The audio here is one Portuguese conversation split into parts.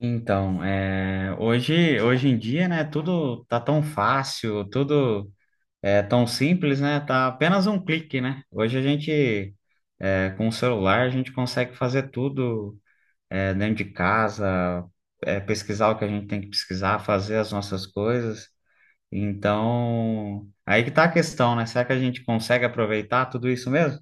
Então, hoje, hoje em dia, né, tudo tá tão fácil, tudo é tão simples, né? Tá apenas um clique, né? Hoje a gente, com o celular, a gente consegue fazer tudo, dentro de casa, pesquisar o que a gente tem que pesquisar, fazer as nossas coisas. Então, aí que tá a questão, né? Será que a gente consegue aproveitar tudo isso mesmo?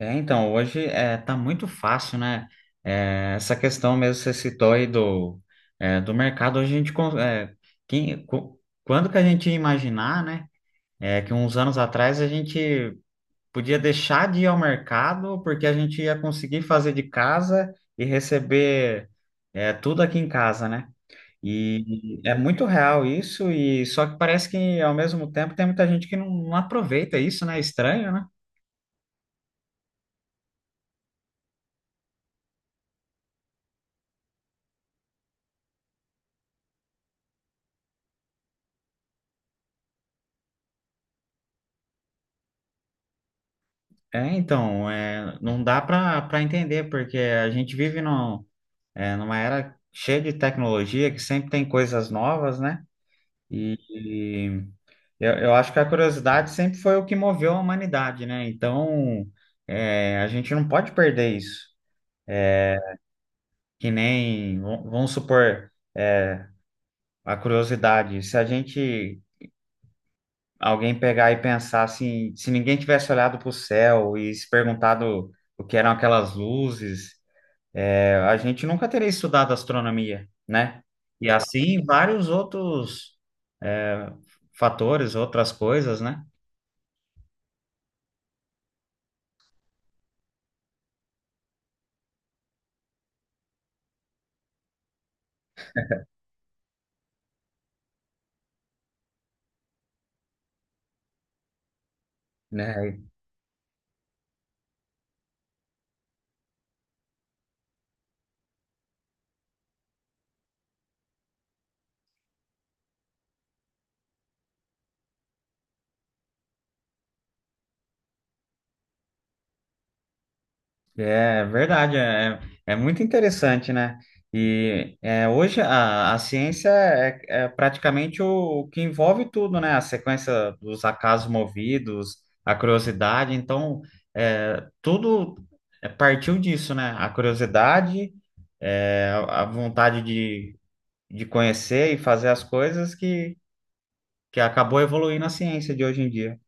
É, então, hoje tá muito fácil, né? É, essa questão mesmo que você citou aí do mercado, hoje a quando que a gente ia imaginar, né? É, que uns anos atrás a gente podia deixar de ir ao mercado porque a gente ia conseguir fazer de casa e receber tudo aqui em casa, né? E é muito real isso, e só que parece que ao mesmo tempo tem muita gente que não aproveita isso, né? Estranho, né? Não dá para entender, porque a gente vive numa era cheia de tecnologia, que sempre tem coisas novas, né? E, e eu acho que a curiosidade sempre foi o que moveu a humanidade, né? Então, a gente não pode perder isso. Que nem, vamos supor, é, a curiosidade. Se a gente, Alguém pegar e pensar assim, se ninguém tivesse olhado para o céu e se perguntado o que eram aquelas luzes. A gente nunca teria estudado astronomia, né? E assim vários outros é, fatores, outras coisas, né? Né? É verdade, é muito interessante, né? Hoje a ciência é praticamente o que envolve tudo, né? A sequência dos acasos movidos, a curiosidade, então tudo partiu disso, né? A curiosidade, a vontade de conhecer e fazer as coisas que acabou evoluindo a ciência de hoje em dia.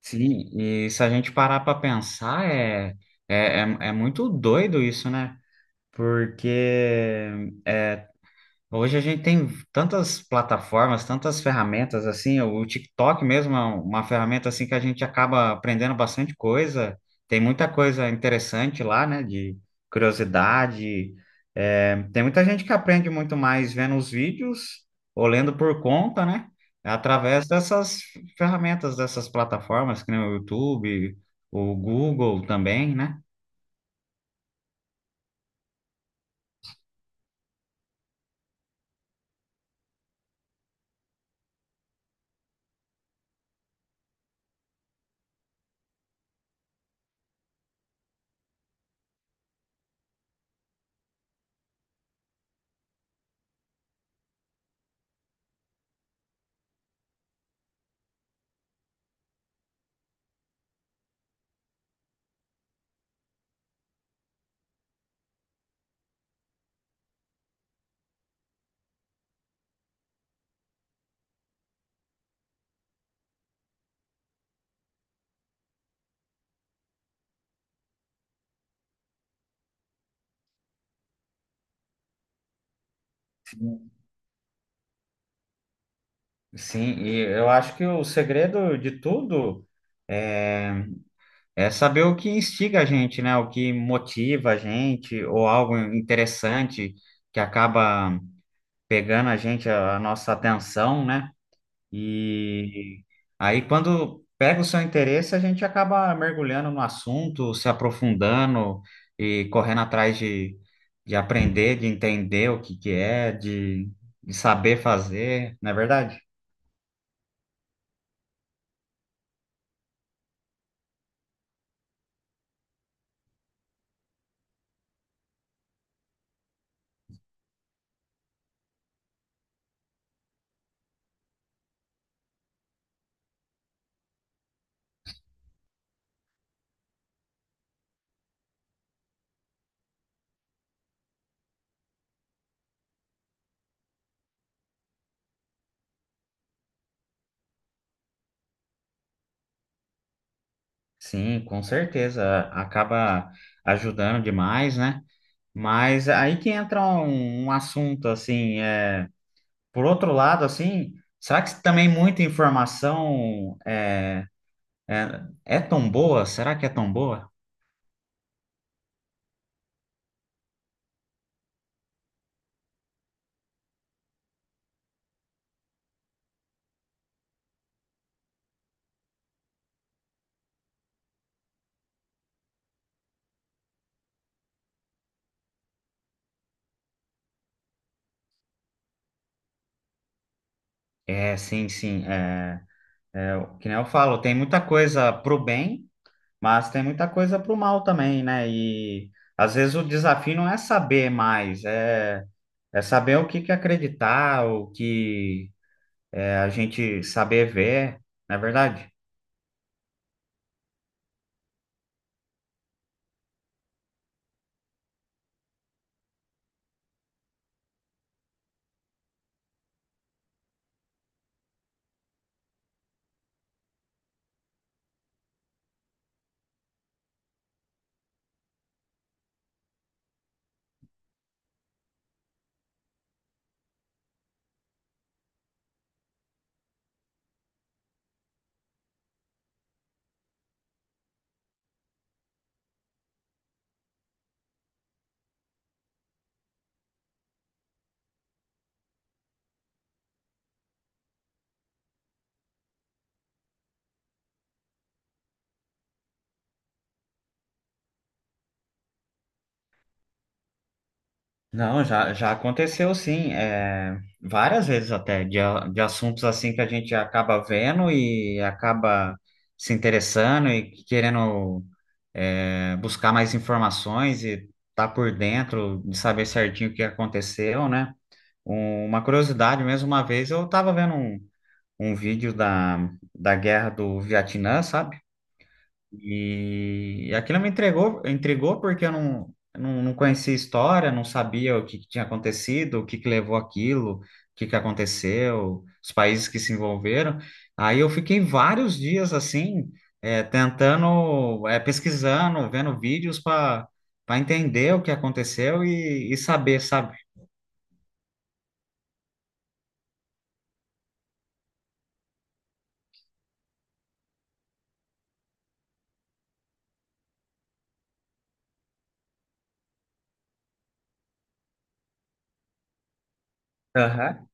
Sim, e se a gente parar para pensar, é, é, é muito doido isso, né? Porque é, hoje a gente tem tantas plataformas, tantas ferramentas assim, o TikTok mesmo é uma ferramenta assim que a gente acaba aprendendo bastante coisa. Tem muita coisa interessante lá, né? De curiosidade. É, tem muita gente que aprende muito mais vendo os vídeos ou lendo por conta, né? Através dessas ferramentas, dessas plataformas, que nem o YouTube, o Google também, né? Sim, e eu acho que o segredo de tudo é É saber o que instiga a gente, né? O que motiva a gente, ou algo interessante que acaba pegando a gente, a nossa atenção, né? E aí, quando pega o seu interesse, a gente acaba mergulhando no assunto, se aprofundando e correndo atrás de aprender, de entender o que que é, de saber fazer, não é verdade? Sim, com certeza. Acaba ajudando demais, né? Mas aí que entra um assunto assim, é, por outro lado, assim, será que também muita informação é, é tão boa? Será que é tão boa? É, sim, sim. O que nem eu falo, tem muita coisa pro bem, mas tem muita coisa pro mal também, né? E às vezes o desafio não é saber mais, é saber o que que acreditar, o que é, a gente saber ver, não é verdade? Não, já aconteceu sim, é, várias vezes até, de assuntos assim que a gente acaba vendo e acaba se interessando e querendo buscar mais informações e tá por dentro de saber certinho o que aconteceu, né? Um- uma curiosidade mesmo, uma vez eu tava vendo um vídeo da guerra do Vietnã, sabe? E aquilo me entregou, intrigou porque eu não conhecia a história, não sabia que tinha acontecido, que levou aquilo, que aconteceu, os países que se envolveram. Aí eu fiquei vários dias assim, tentando, pesquisando, vendo vídeos para entender o que aconteceu e saber, sabe? Aham.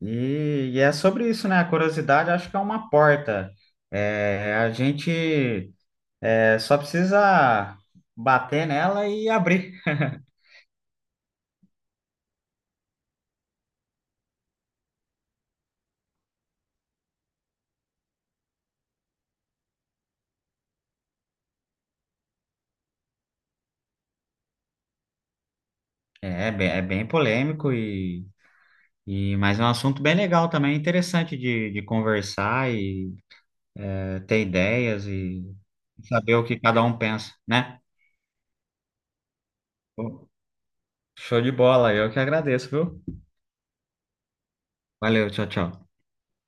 É sobre isso, né? A curiosidade acho que é uma porta. É, a gente. É só precisa bater nela e abrir. É, é bem polêmico e mas é um assunto bem legal também, é interessante de conversar e é, ter ideias e saber o que cada um pensa, né? Show de bola, eu que agradeço, viu? Valeu, tchau, tchau.